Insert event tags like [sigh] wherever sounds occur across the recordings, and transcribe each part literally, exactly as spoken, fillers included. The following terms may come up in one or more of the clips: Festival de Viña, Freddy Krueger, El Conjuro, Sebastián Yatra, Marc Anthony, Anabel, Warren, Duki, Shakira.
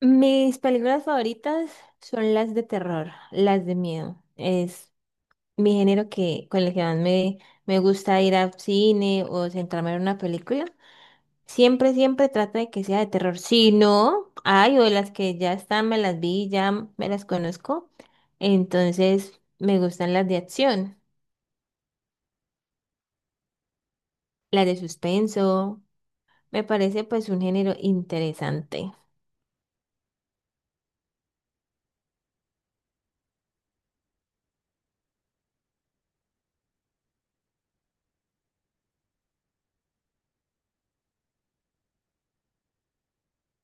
Mis películas favoritas son las de terror, las de miedo. Es mi género que, con el que más me, me gusta ir al cine o centrarme en una película. Siempre, siempre trato de que sea de terror. Si no, hay o las que ya están, me las vi, ya me las conozco. Entonces, me gustan las de acción, las de suspenso. Me parece pues un género interesante.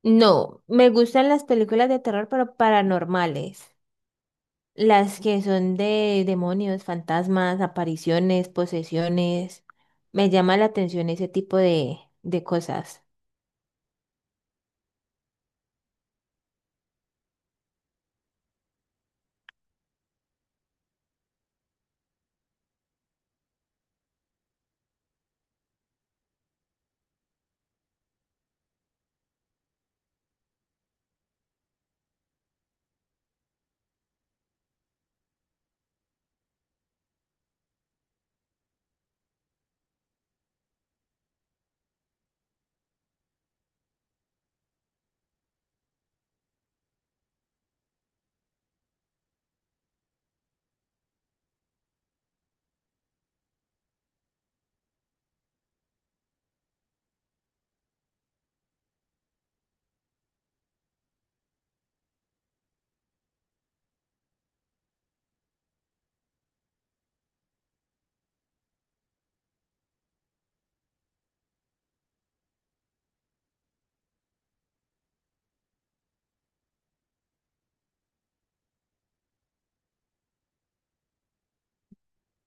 No, me gustan las películas de terror, pero paranormales. Las que son de demonios, fantasmas, apariciones, posesiones. Me llama la atención ese tipo de, de cosas.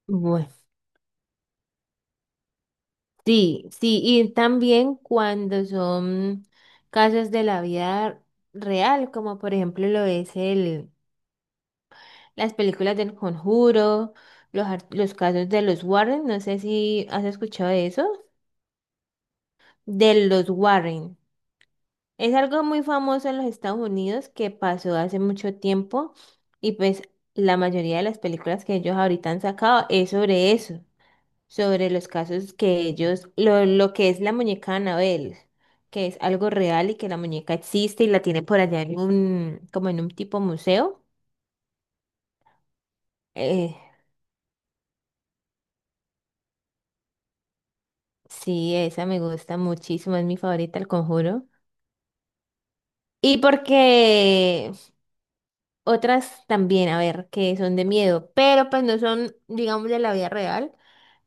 Bueno, sí, sí, y también cuando son casos de la vida real, como por ejemplo lo es el, las películas del Conjuro, los, ar- los casos de los Warren, no sé si has escuchado de eso, de los Warren. Es algo muy famoso en los Estados Unidos que pasó hace mucho tiempo y pues la mayoría de las películas que ellos ahorita han sacado es sobre eso, sobre los casos que ellos, lo, lo que es la muñeca Anabel, que es algo real y que la muñeca existe y la tiene por allá en un, como en un tipo museo. Eh, sí, esa me gusta muchísimo, es mi favorita, El Conjuro. Y porque otras también, a ver, que son de miedo, pero pues no son, digamos, de la vida real.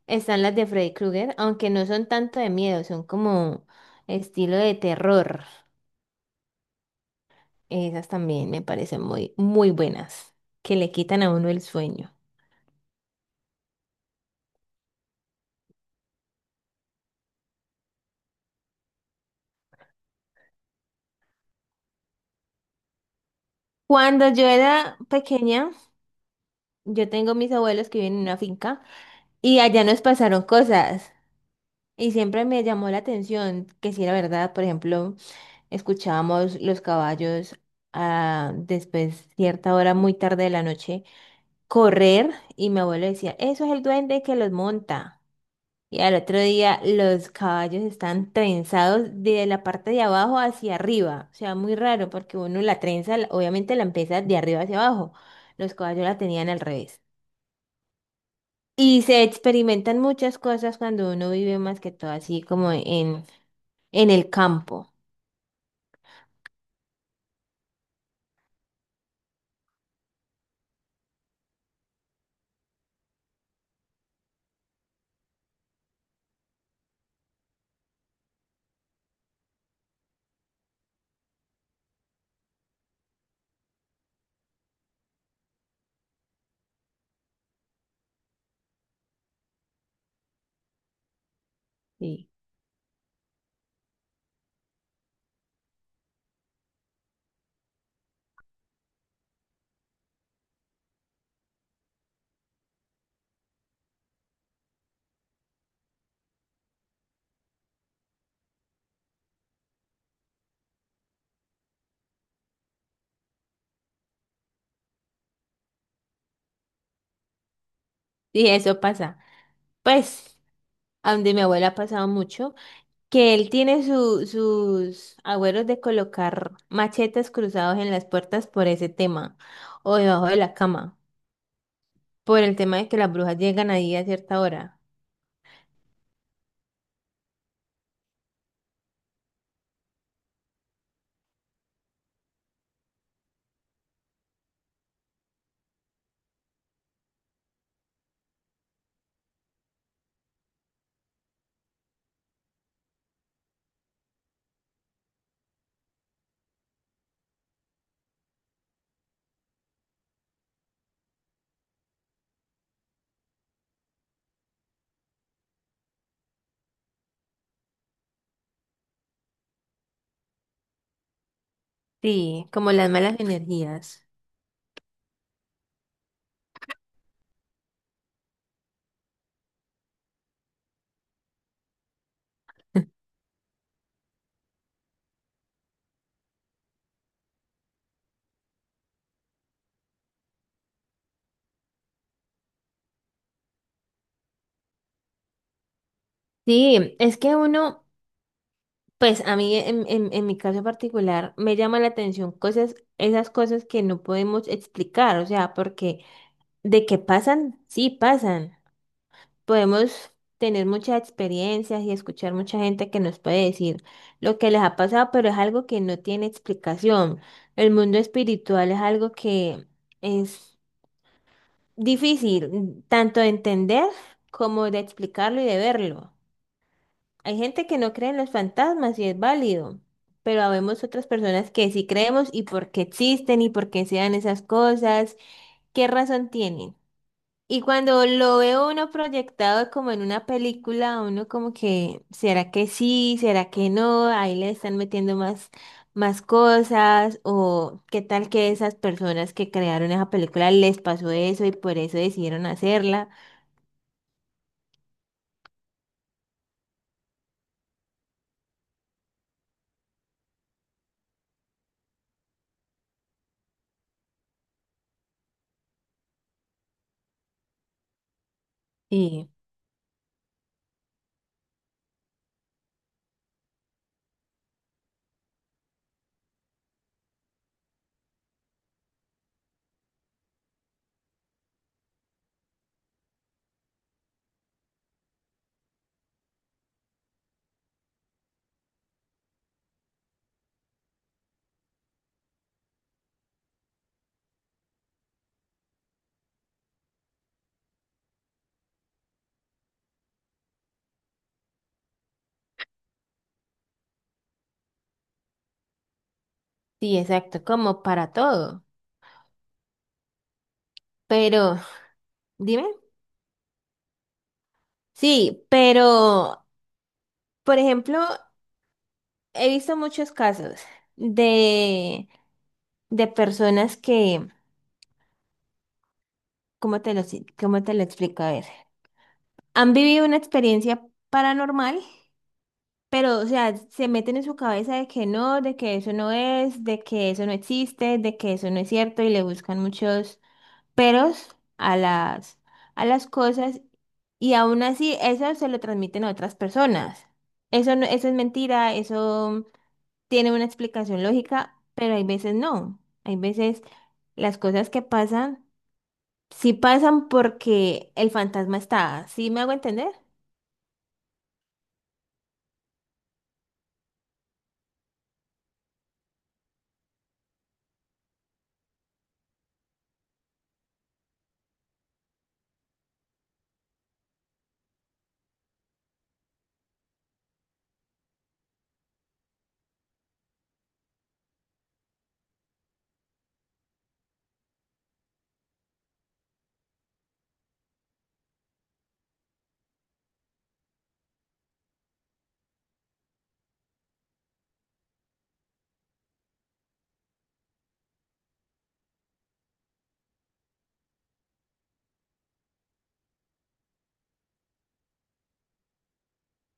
Están las de Freddy Krueger, aunque no son tanto de miedo, son como estilo de terror. Esas también me parecen muy, muy buenas, que le quitan a uno el sueño. Cuando yo era pequeña, yo tengo mis abuelos que viven en una finca y allá nos pasaron cosas y siempre me llamó la atención que si era verdad, por ejemplo, escuchábamos los caballos ah, después cierta hora muy tarde de la noche correr y mi abuelo decía, eso es el duende que los monta. Y al otro día los caballos están trenzados de la parte de abajo hacia arriba. O sea, muy raro porque uno la trenza, la- obviamente la empieza de arriba hacia abajo. Los caballos la tenían al revés. Y se experimentan muchas cosas cuando uno vive más que todo así como en, en el campo. Sí, sí, eso pasa. Pues, a donde mi abuela ha pasado mucho. Que él tiene su- sus agüeros de colocar machetes cruzados en las puertas por ese tema, o debajo de la cama, por el tema de que las brujas llegan ahí a cierta hora. Sí, como las malas energías. Sí, es que uno, pues a mí en, en, en mi caso particular me llama la atención cosas, esas cosas que no podemos explicar, o sea, porque de que pasan, sí pasan. Podemos tener muchas experiencias y escuchar mucha gente que nos puede decir lo que les ha pasado, pero es algo que no tiene explicación. El mundo espiritual es algo que es difícil mm, tanto de entender como de explicarlo y de verlo. Hay gente que no cree en los fantasmas y es válido, pero habemos otras personas que sí creemos y por qué existen y por qué se dan esas cosas, qué razón tienen. Y cuando lo veo uno proyectado como en una película, uno como que, ¿será que sí? ¿Será que no? Ahí le están metiendo más, más cosas. O qué tal que esas personas que crearon esa película les pasó eso y por eso decidieron hacerla. Sí, sí, exacto, como para todo. Pero, dime. Sí, pero, por ejemplo, he visto muchos casos de, de personas que, ¿cómo te lo, si- cómo te lo explico? A ver. Han vivido una experiencia paranormal, pero, o sea, se meten en su cabeza de que no, de que eso no es, de que eso no existe, de que eso no es cierto y le buscan muchos peros a las, a las cosas y aún así eso se lo transmiten a otras personas. Eso no, eso es mentira, eso tiene una explicación lógica, pero hay veces no. Hay veces las cosas que pasan, sí pasan porque el fantasma está. ¿Sí me hago entender?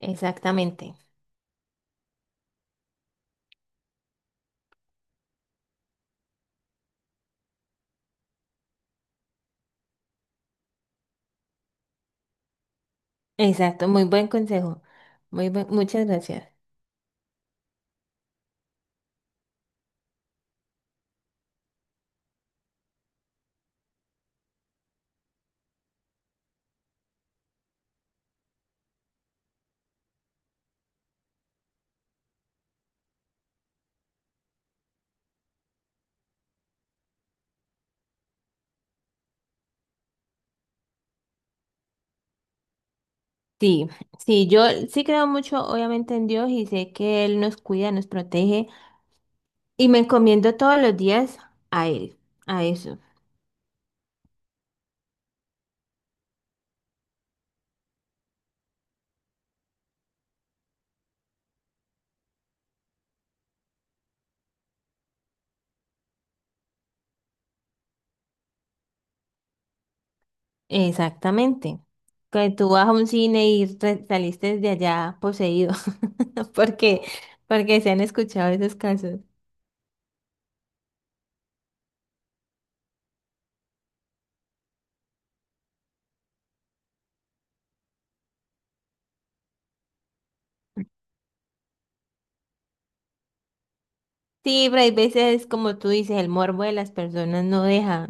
Exactamente. Exacto, muy buen consejo. Muy buen- muchas gracias. Sí, sí, yo sí creo mucho, obviamente, en Dios y sé que Él nos cuida, nos protege y me encomiendo todos los días a Él, a eso. Exactamente. Que tú vas a un cine y re- saliste de allá poseído, [laughs] porque, porque se han escuchado esos casos. Sí, pero hay veces, como tú dices, el morbo de las personas no deja.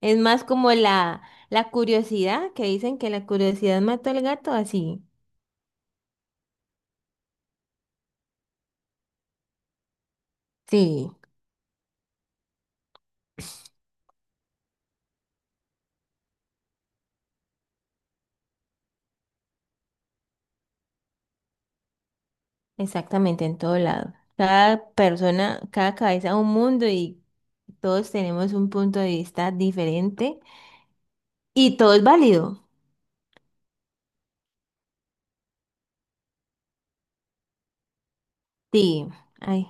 Es más como la, la curiosidad, que dicen que la curiosidad mató al gato, así. Sí, exactamente, en todo lado. Cada persona, cada cabeza un mundo y todos tenemos un punto de vista diferente y todo es válido. Sí, ay,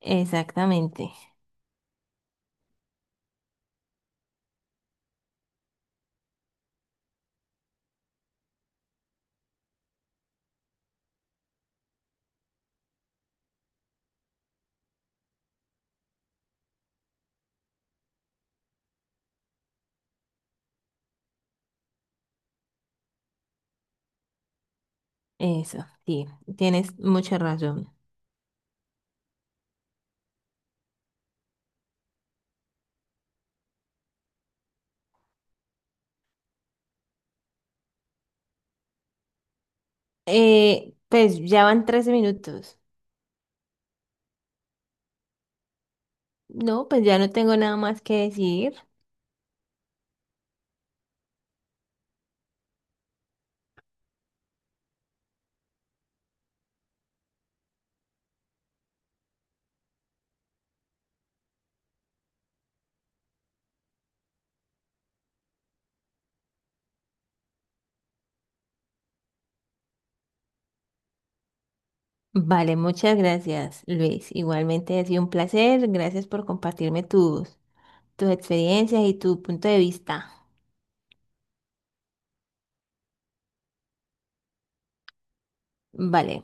exactamente, eso, sí, tienes mucha razón. Eh, pues ya van trece minutos. No, pues ya no tengo nada más que decir. Vale, muchas gracias, Luis. Igualmente ha sido un placer. Gracias por compartirme tus, tus experiencias y tu punto de vista. Vale.